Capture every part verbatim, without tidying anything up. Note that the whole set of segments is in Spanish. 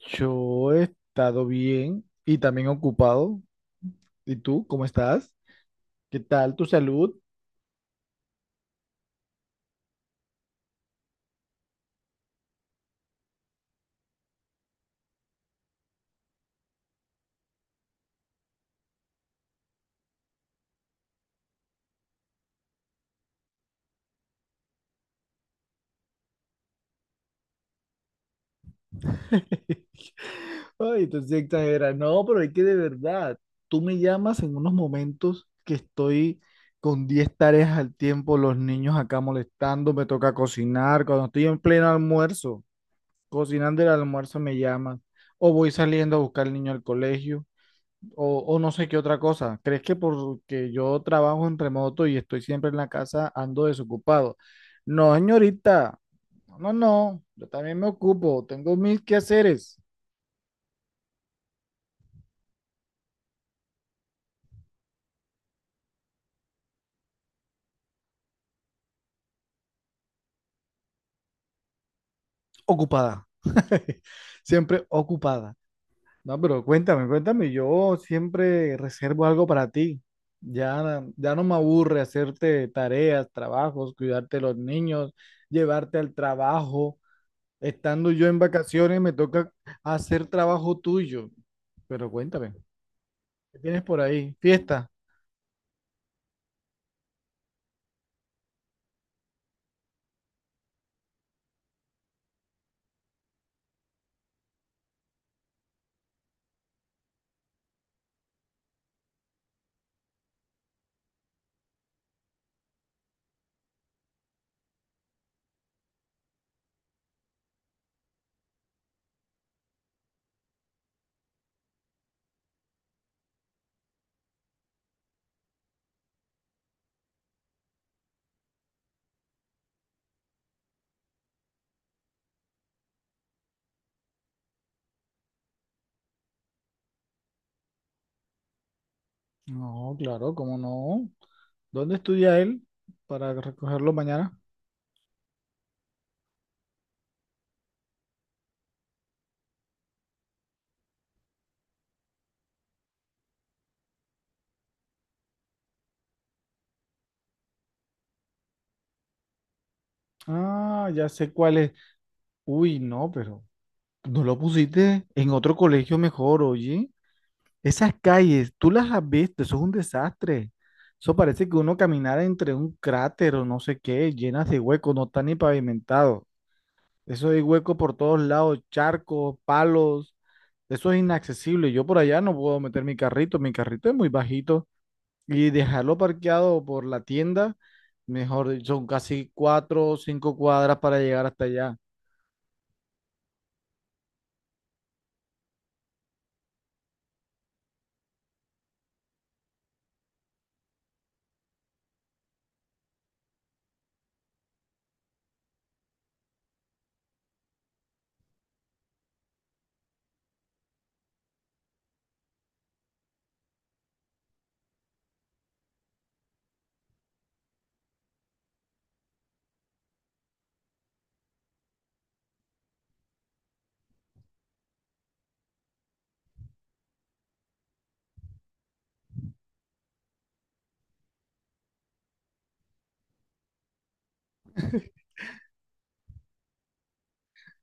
Yo he estado bien y también ocupado. ¿Y tú, cómo estás? ¿Qué tal tu salud? Ay, tú sí exageras. No, pero es que de verdad, tú me llamas en unos momentos que estoy con diez tareas al tiempo, los niños acá molestando, me toca cocinar, cuando estoy en pleno almuerzo, cocinando el almuerzo me llamas, o voy saliendo a buscar al niño al colegio. O, o no sé qué otra cosa. ¿Crees que porque yo trabajo en remoto y estoy siempre en la casa, ando desocupado? No, señorita. No, no, no. Yo también me ocupo. Tengo mil quehaceres. Ocupada. Siempre ocupada. No, pero cuéntame, cuéntame. Yo siempre reservo algo para ti. Ya, ya no me aburre hacerte tareas, trabajos, cuidarte de los niños, llevarte al trabajo. Estando yo en vacaciones, me toca hacer trabajo tuyo. Pero cuéntame, ¿qué tienes por ahí? ¿Fiesta? No, claro, ¿cómo no? ¿Dónde estudia él para recogerlo mañana? Ah, ya sé cuál es. Uy, no, pero no lo pusiste en otro colegio mejor, oye. Esas calles, tú las has visto, eso es un desastre. Eso parece que uno caminara entre un cráter o no sé qué, llenas de huecos, no está ni pavimentado. Eso hay hueco por todos lados, charcos, palos. Eso es inaccesible. Yo por allá no puedo meter mi carrito. Mi carrito es muy bajito. Y dejarlo parqueado por la tienda, mejor dicho, son casi cuatro o cinco cuadras para llegar hasta allá.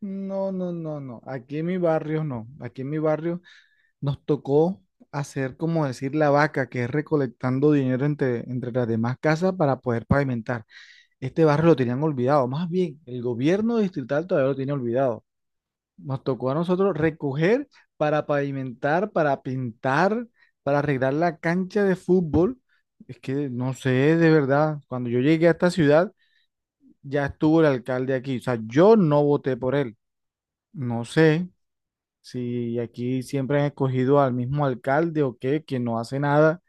No, no, no, no. Aquí en mi barrio no. Aquí en mi barrio nos tocó hacer, como decir, la vaca, que es recolectando dinero entre, entre las demás casas para poder pavimentar. Este barrio lo tenían olvidado. Más bien, el gobierno distrital todavía lo tiene olvidado. Nos tocó a nosotros recoger para pavimentar, para pintar, para arreglar la cancha de fútbol. Es que no sé, de verdad, cuando yo llegué a esta ciudad, ya estuvo el alcalde aquí. O sea, yo no voté por él. No sé si aquí siempre han escogido al mismo alcalde o qué, que no hace nada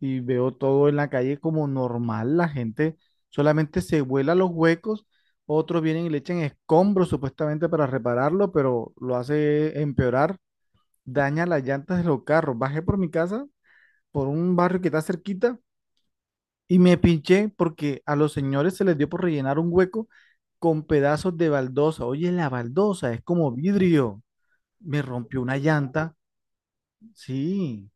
y veo todo en la calle como normal. La gente solamente se vuela los huecos. Otros vienen y le echan escombros supuestamente para repararlo, pero lo hace empeorar daña las llantas de los carros. Bajé por mi casa, por un barrio que está cerquita, y me pinché porque a los señores se les dio por rellenar un hueco con pedazos de baldosa. Oye, la baldosa es como vidrio. Me rompió una llanta. Sí.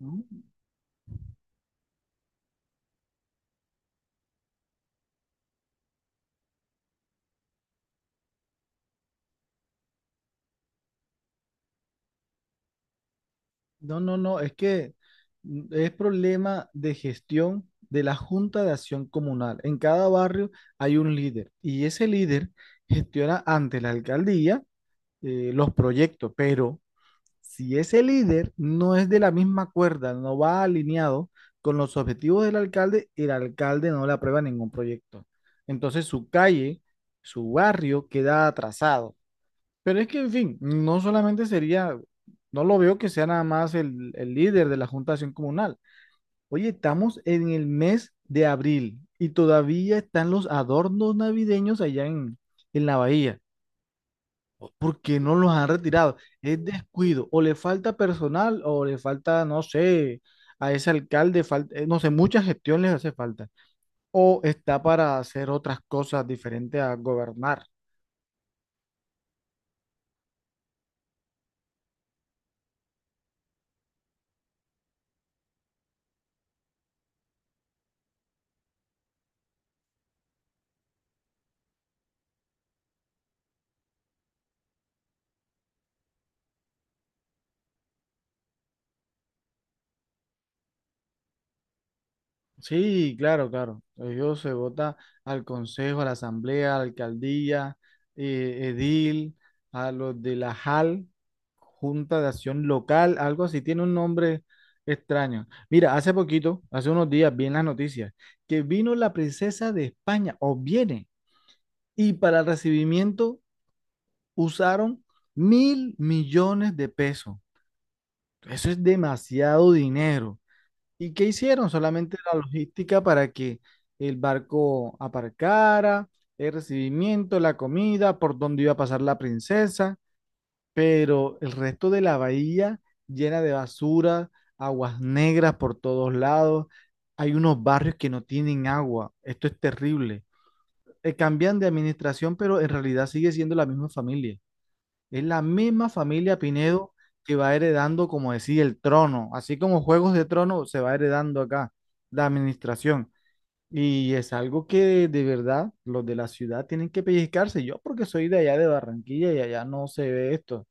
No, no, no, no, es que mm, es problema de gestión de la Junta de Acción Comunal. En cada barrio hay un líder y ese líder gestiona ante la alcaldía eh, los proyectos, pero si ese líder no es de la misma cuerda, no va alineado con los objetivos del alcalde, el alcalde no le aprueba ningún proyecto. Entonces su calle, su barrio queda atrasado. Pero es que, en fin, no solamente sería, no lo veo que sea nada más el, el líder de la Junta de Acción Comunal. Oye, estamos en el mes de abril y todavía están los adornos navideños allá en, en la bahía porque no los han retirado. Es descuido, o le falta personal, o le falta, no sé, a ese alcalde, falta, eh, no sé, mucha gestión les hace falta, o está para hacer otras cosas diferentes a gobernar. Sí, claro, claro. Ellos se vota al consejo, a la asamblea, a la alcaldía, eh, edil, a los de la J A L, Junta de Acción Local, algo así, tiene un nombre extraño. Mira, hace poquito, hace unos días, vi en las noticias que vino la princesa de España, o viene, y para el recibimiento usaron mil millones de pesos. Eso es demasiado dinero. ¿Y qué hicieron? Solamente la logística para que el barco aparcara, el recibimiento, la comida, por dónde iba a pasar la princesa, pero el resto de la bahía llena de basura, aguas negras por todos lados. Hay unos barrios que no tienen agua. Esto es terrible. Eh, cambian de administración, pero en realidad sigue siendo la misma familia. Es la misma familia Pinedo que va heredando, como decía, el trono. Así como Juegos de Trono se va heredando acá, la administración. Y es algo que de, de verdad los de la ciudad tienen que pellizcarse. Yo porque soy de allá de Barranquilla y allá no se ve esto.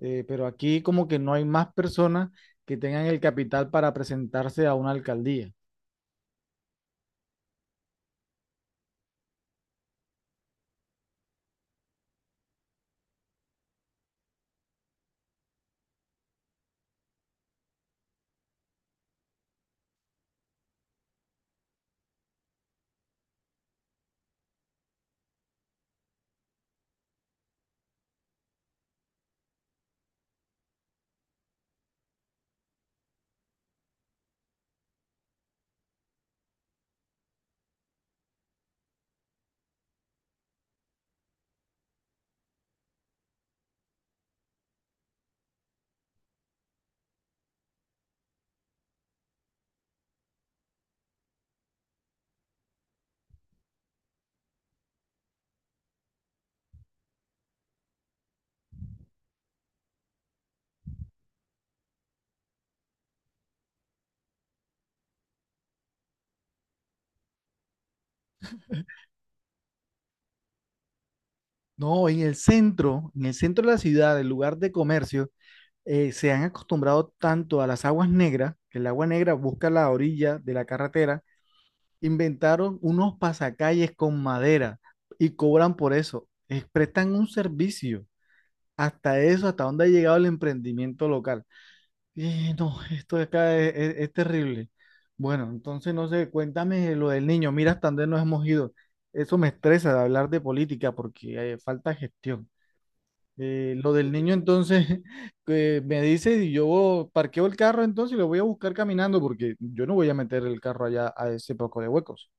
Eh, pero aquí como que no hay más personas que tengan el capital para presentarse a una alcaldía. No, en el centro, en el centro de la ciudad, el lugar de comercio. Eh, se han acostumbrado tanto a las aguas negras, que el agua negra busca la orilla de la carretera, inventaron unos pasacalles con madera y cobran por eso. Eh, prestan un servicio. Hasta eso, hasta dónde ha llegado el emprendimiento local. Y no, esto de acá es, es- es terrible. Bueno, entonces no sé, cuéntame lo del niño. Mira hasta dónde nos hemos ido. Eso me estresa de hablar de política porque eh, falta gestión. Eh, lo del niño entonces que me dice y yo parqueo el carro entonces y lo voy a buscar caminando porque yo no voy a meter el carro allá a ese poco de huecos.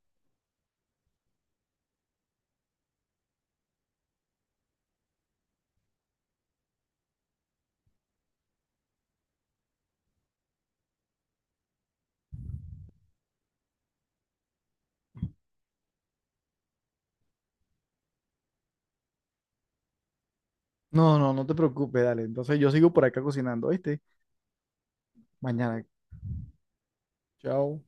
No, no, no te preocupes, dale. Entonces yo sigo por acá cocinando, ¿viste? Mañana. Chao.